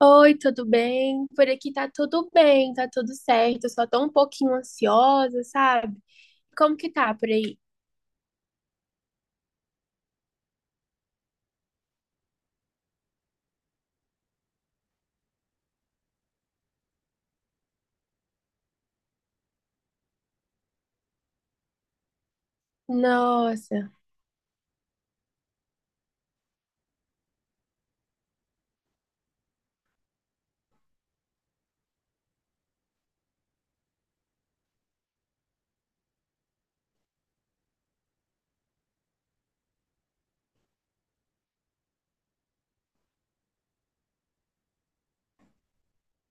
Oi, tudo bem? Por aqui tá tudo bem, tá tudo certo. Eu só tô um pouquinho ansiosa, sabe? Como que tá por aí? Nossa,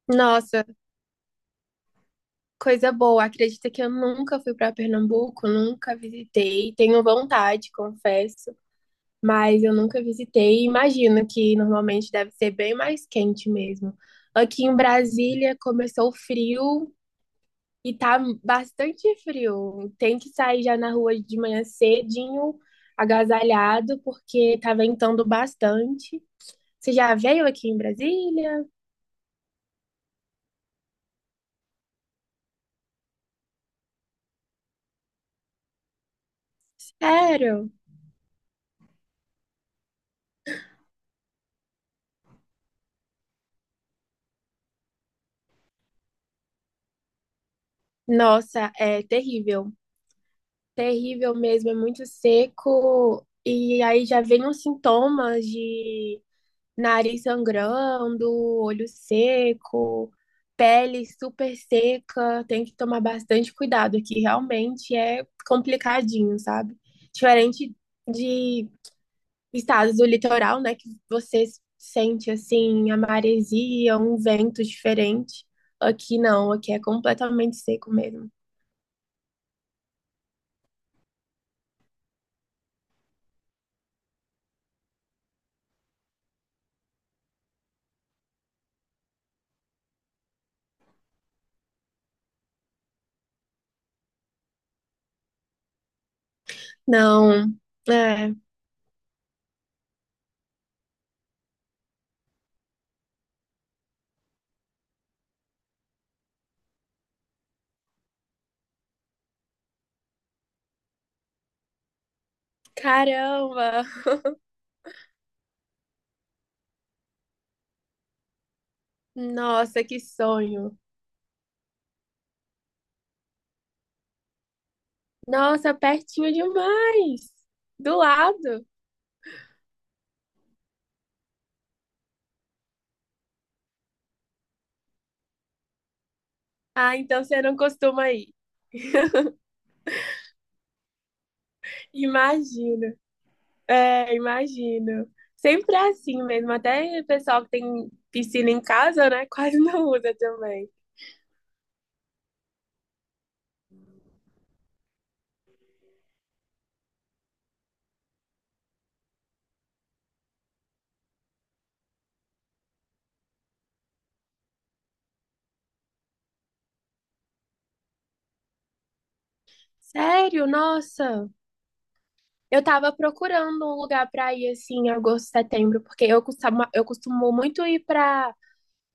nossa, coisa boa. Acredita que eu nunca fui pra Pernambuco, nunca visitei. Tenho vontade, confesso, mas eu nunca visitei. Imagino que normalmente deve ser bem mais quente mesmo. Aqui em Brasília começou o frio, e tá bastante frio. Tem que sair já na rua de manhã cedinho, agasalhado, porque tá ventando bastante. Você já veio aqui em Brasília? Sério? Nossa, é terrível. Terrível mesmo, é muito seco. E aí já vem os sintomas de nariz sangrando, olho seco, pele super seca. Tem que tomar bastante cuidado aqui, realmente é complicadinho, sabe? Diferente de estados do litoral, né, que você sente assim a maresia, um vento diferente. Aqui não, aqui é completamente seco mesmo. Não, é. Caramba! Nossa, que sonho! Nossa, pertinho demais! Do lado! Ah, então você não costuma ir. Imagino. É, imagino. Sempre é assim mesmo. Até o pessoal que tem piscina em casa, né? Quase não usa também. Sério? Nossa. Eu tava procurando um lugar pra ir assim em agosto, setembro, porque eu costumo muito ir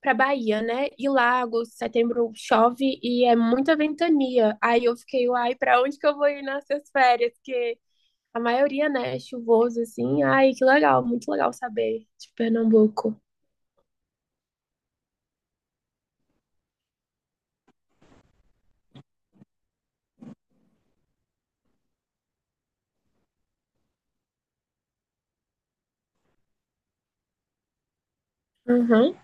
pra Bahia, né? E lá, agosto, setembro, chove e é muita ventania. Aí eu fiquei, uai, pra onde que eu vou ir nessas férias? Que a maioria, né, é chuvoso, assim. Ai, que legal, muito legal saber de Pernambuco. Uhum.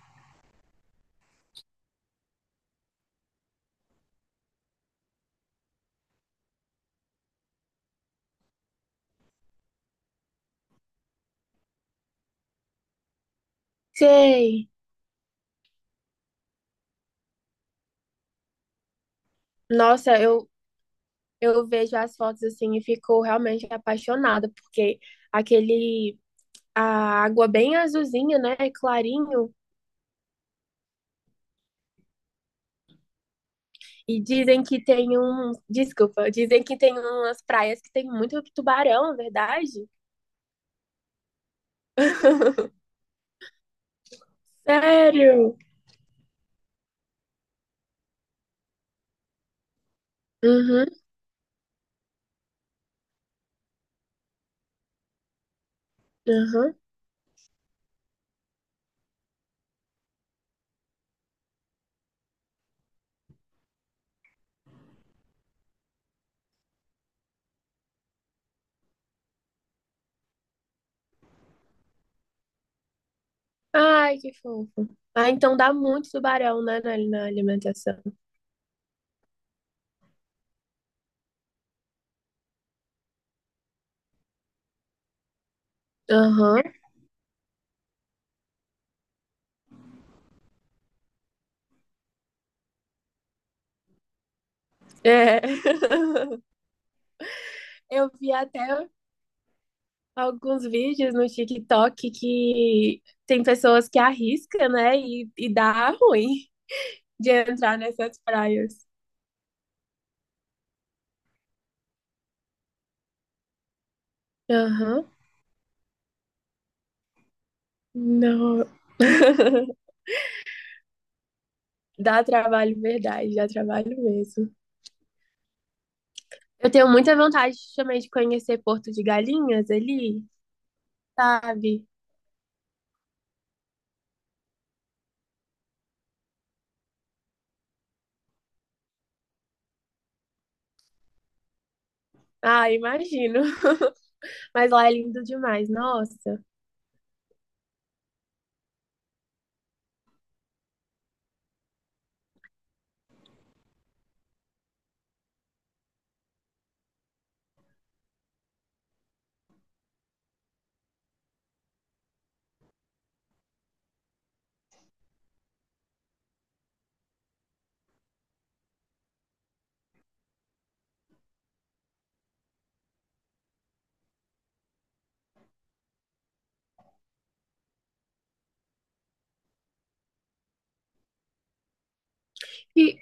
Sei. Nossa, eu vejo as fotos, assim, e fico realmente apaixonada, porque aquele... A água bem azulzinha, né, clarinho. E dizem que tem um... Desculpa, dizem que tem umas praias que tem muito tubarão, é verdade? Sério? Uhum, uhum. Ai, que fofo. Ah, então dá muito tubarão, né, na alimentação. Aham. É. Eu vi até alguns vídeos no TikTok que tem pessoas que arriscam, né? E dá ruim de entrar nessas praias. Aham. Não. Dá trabalho, verdade, dá trabalho mesmo. Eu tenho muita vontade também de conhecer Porto de Galinhas ali, sabe? Ah, imagino. Mas lá é lindo demais, nossa. E,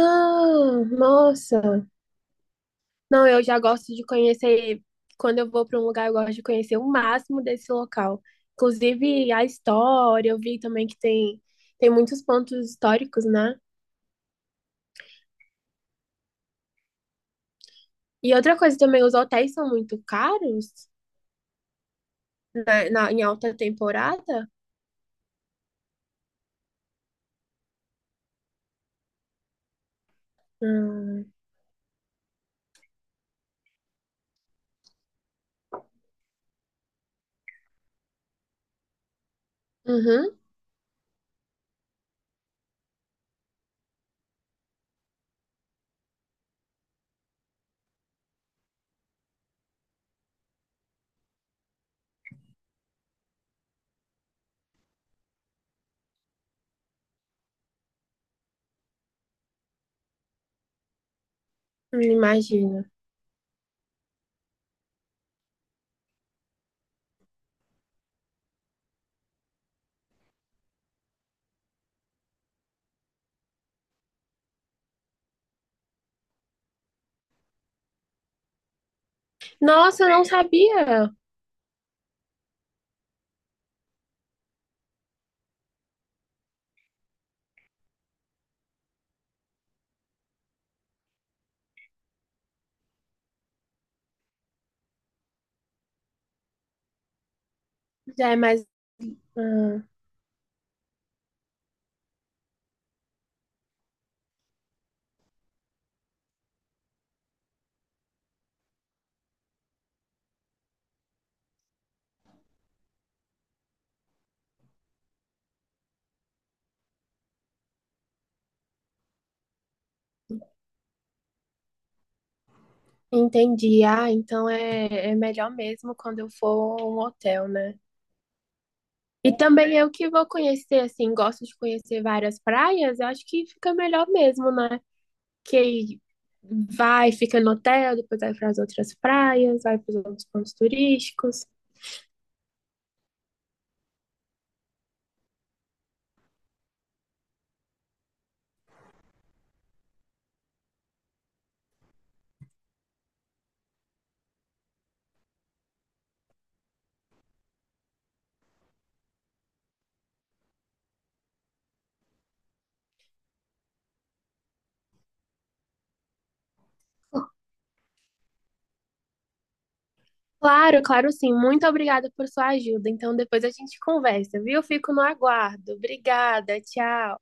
ah, nossa. Não, eu já gosto de conhecer. Quando eu vou para um lugar, eu gosto de conhecer o máximo desse local. Inclusive a história, eu vi também que tem, tem muitos pontos históricos, né? E outra coisa também, os hotéis são muito caros em alta temporada. Hum, uhum, imagino. Nossa, eu não sabia. Já é mais. Hum, entendi. Ah, então é, é melhor mesmo quando eu for a um hotel, né? E também eu que vou conhecer, assim, gosto de conhecer várias praias, eu acho que fica melhor mesmo, né? Que aí vai, fica no hotel, depois vai para as outras praias, vai para os outros pontos turísticos. Claro, claro sim. Muito obrigada por sua ajuda. Então depois a gente conversa, viu? Fico no aguardo. Obrigada, tchau.